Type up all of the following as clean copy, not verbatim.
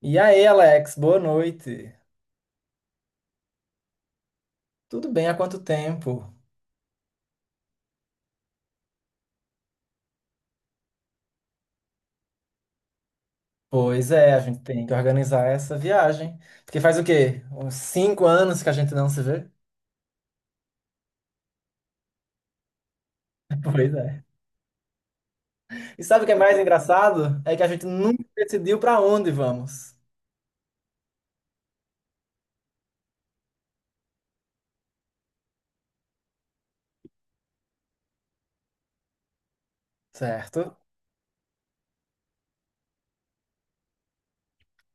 E aí, Alex, boa noite. Tudo bem? Há quanto tempo? Pois é, a gente tem que organizar essa viagem. Porque faz o quê? Uns 5 anos que a gente não se vê? Pois é. E sabe o que é mais engraçado? É que a gente nunca decidiu para onde vamos, certo?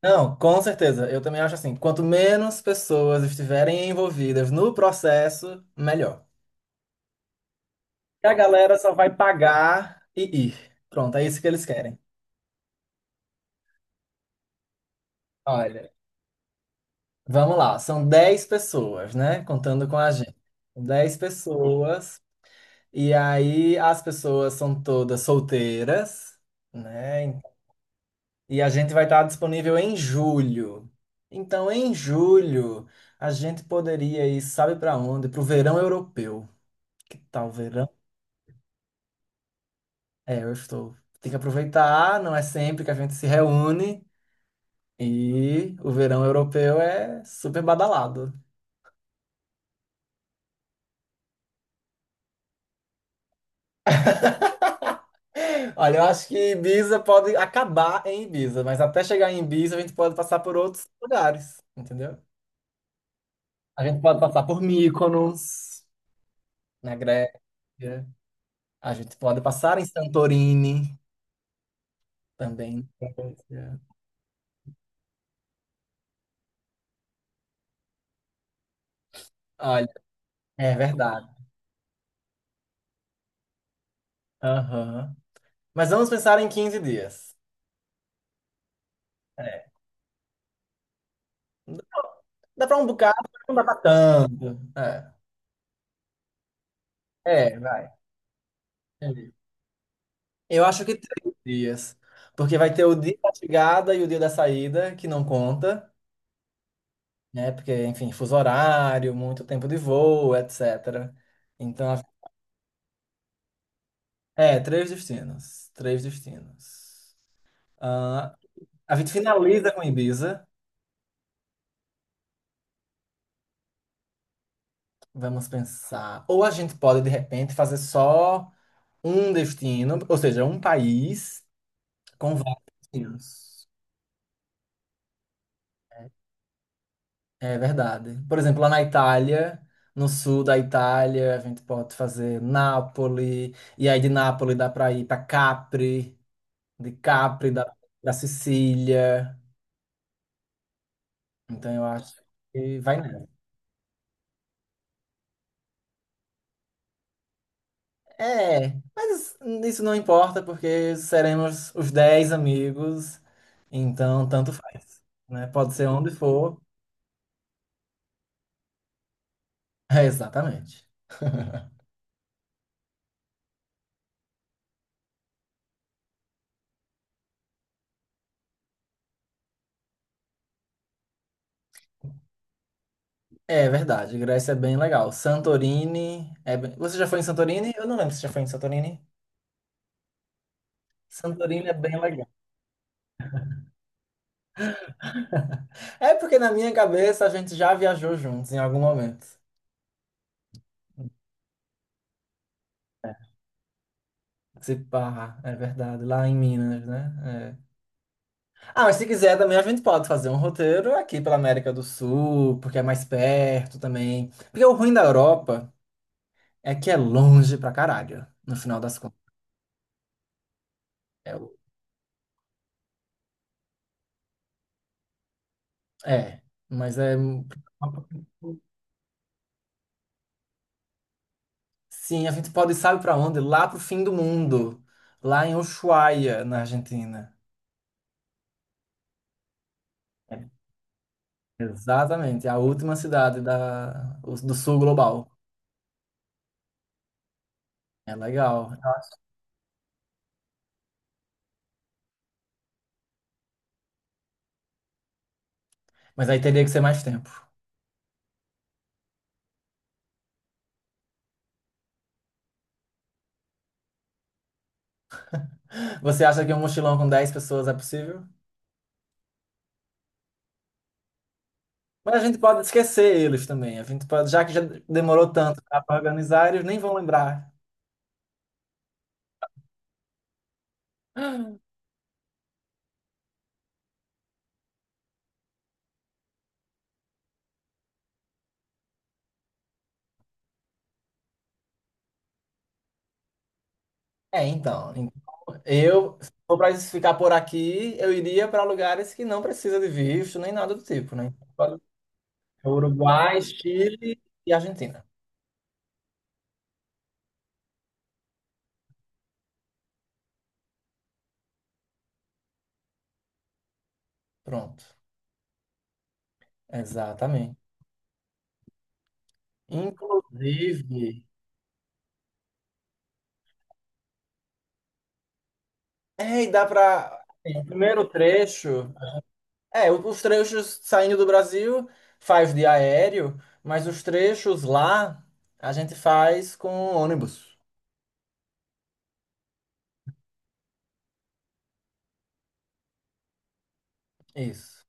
Não, com certeza. Eu também acho assim, quanto menos pessoas estiverem envolvidas no processo, melhor. E a galera só vai pagar e ir. Pronto, é isso que eles querem. Olha. Vamos lá, são 10 pessoas, né? Contando com a gente. 10 pessoas. E aí as pessoas são todas solteiras, né? E a gente vai estar disponível em julho. Então, em julho, a gente poderia ir, sabe para onde? Para o verão europeu. Que tal o verão? É, eu estou. Tem que aproveitar, não é sempre que a gente se reúne. E o verão europeu é super badalado. Olha, eu acho que Ibiza pode acabar em Ibiza, mas até chegar em Ibiza a gente pode passar por outros lugares, entendeu? A gente pode passar por Mykonos, na Grécia. A gente pode passar em Santorini também, na Grécia. Olha, é verdade. Aham. Mas vamos pensar em 15 dias. É. Dá pra um bocado, mas não dá pra tanto. É, vai. Entendi. Eu acho que 3 dias. Porque vai ter o dia da chegada e o dia da saída, que não conta, né? Porque, enfim, fuso horário, muito tempo de voo, etc. Então, é, três destinos. Três destinos. Ah, a gente finaliza com Ibiza, vamos pensar. Ou a gente pode, de repente, fazer só um destino, ou seja, um país com vários destinos. É verdade. Por exemplo, lá na Itália. No sul da Itália, a gente pode fazer Nápoles, e aí de Nápoles dá para ir para Capri, de Capri, da Sicília. Então eu acho que vai nessa. É, mas isso não importa porque seremos os 10 amigos, então tanto faz, né? Pode ser onde for. É, exatamente. É verdade, Grécia é bem legal. Santorini é bem. Você já foi em Santorini? Eu não lembro se já foi em Santorini. Santorini é bem legal. É porque na minha cabeça a gente já viajou juntos em algum momento. Se pá, é verdade, lá em Minas, né? É. Ah, mas se quiser também a gente pode fazer um roteiro aqui pela América do Sul, porque é mais perto também. Porque o ruim da Europa é que é longe pra caralho, no final das contas. É, é, mas é. Um. Sim, a gente pode ir, sabe pra onde? Lá pro fim do mundo, lá em Ushuaia, na Argentina. É, exatamente, a última cidade do sul global. É legal. Mas aí teria que ser mais tempo. Você acha que um mochilão com 10 pessoas é possível? Mas a gente pode esquecer eles também. A gente pode, já que já demorou tanto para organizar, eles nem vão lembrar. É, então. Eu, se for para ficar por aqui, eu iria para lugares que não precisa de visto nem nada do tipo, né? Então, Uruguai, Chile e Argentina. Pronto. Exatamente. Inclusive, é, e dá para. O primeiro trecho. É, os trechos saindo do Brasil faz de aéreo, mas os trechos lá a gente faz com ônibus. Isso.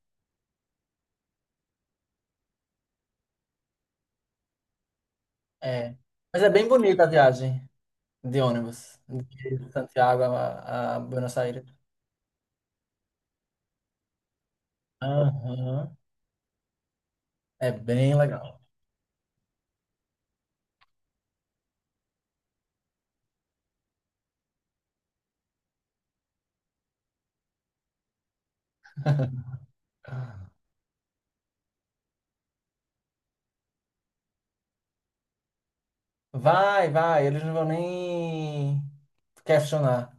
É. Mas é bem bonita a viagem de ônibus, de Santiago a Buenos Aires. Aham. É bem legal. Vai, vai, eles não vão nem questionar.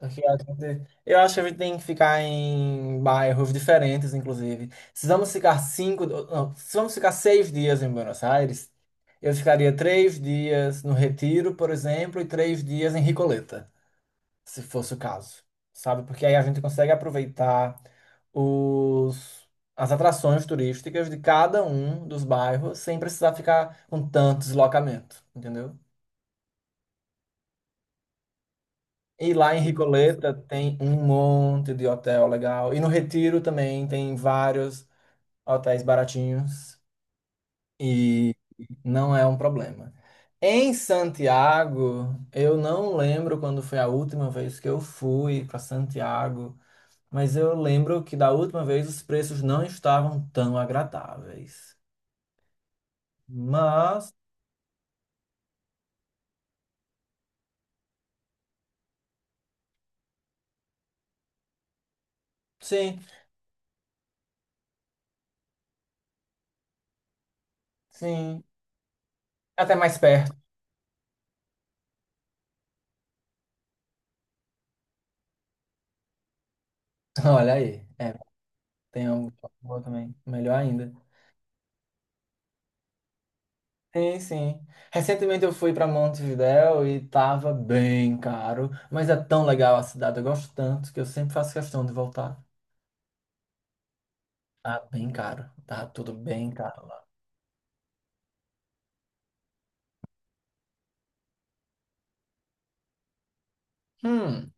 Aqui eu acho que a gente tem que ficar em bairros diferentes, inclusive. Se vamos ficar cinco, não, se vamos ficar 6 dias em Buenos Aires, eu ficaria 3 dias no Retiro, por exemplo, e 3 dias em Ricoleta, se fosse o caso, sabe? Porque aí a gente consegue aproveitar os, as atrações turísticas de cada um dos bairros sem precisar ficar com tanto deslocamento, entendeu? E lá em Ricoleta tem um monte de hotel legal. E no Retiro também tem vários hotéis baratinhos e não é um problema. Em Santiago, eu não lembro quando foi a última vez que eu fui para Santiago, mas eu lembro que da última vez os preços não estavam tão agradáveis. Mas, sim, sim. Até mais perto. Olha aí. É, tem uma boa também. Melhor ainda. Sim, sim. Recentemente eu fui para Montevidéu e tava bem caro, mas é tão legal a cidade, eu gosto tanto que eu sempre faço questão de voltar. Tá bem caro, tá tudo bem caro lá. Hum,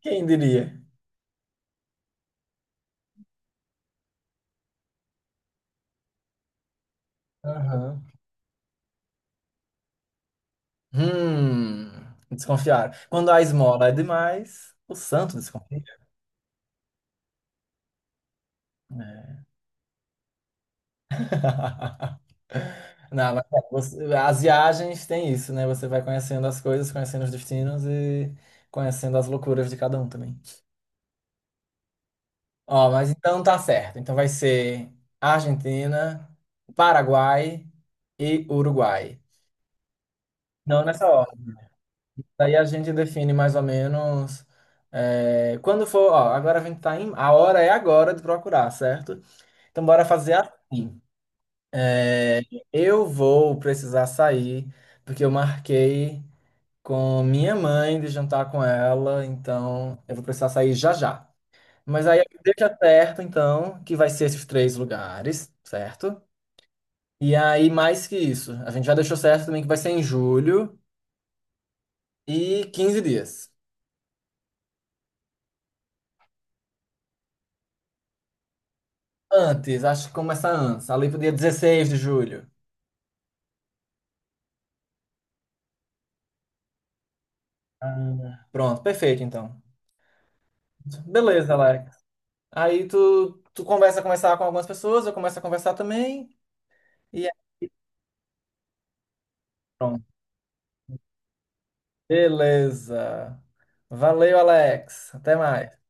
quem diria? Aham. Hum, Desconfiar. Quando a esmola é demais, o santo desconfia. É. Não, mas é, as viagens têm isso, né? Você vai conhecendo as coisas, conhecendo os destinos e conhecendo as loucuras de cada um também. Ó, mas então tá certo. Então vai ser Argentina, Paraguai e Uruguai. Não nessa ordem. Daí a gente define mais ou menos. É, quando for, ó, agora a gente tá em. A hora é agora de procurar, certo? Então bora fazer assim. É, eu vou precisar sair, porque eu marquei com minha mãe de jantar com ela, então eu vou precisar sair já já. Mas aí deixa certo, então, que vai ser esses três lugares, certo? E aí, mais que isso, a gente já deixou certo também que vai ser em julho e 15 dias. Antes, acho que começa antes, ali pro dia 16 de julho. Ah, pronto, perfeito, então. Beleza, Alex. Aí tu conversar com algumas pessoas, eu começo a conversar também. E é pronto. Beleza. Valeu, Alex. Até mais.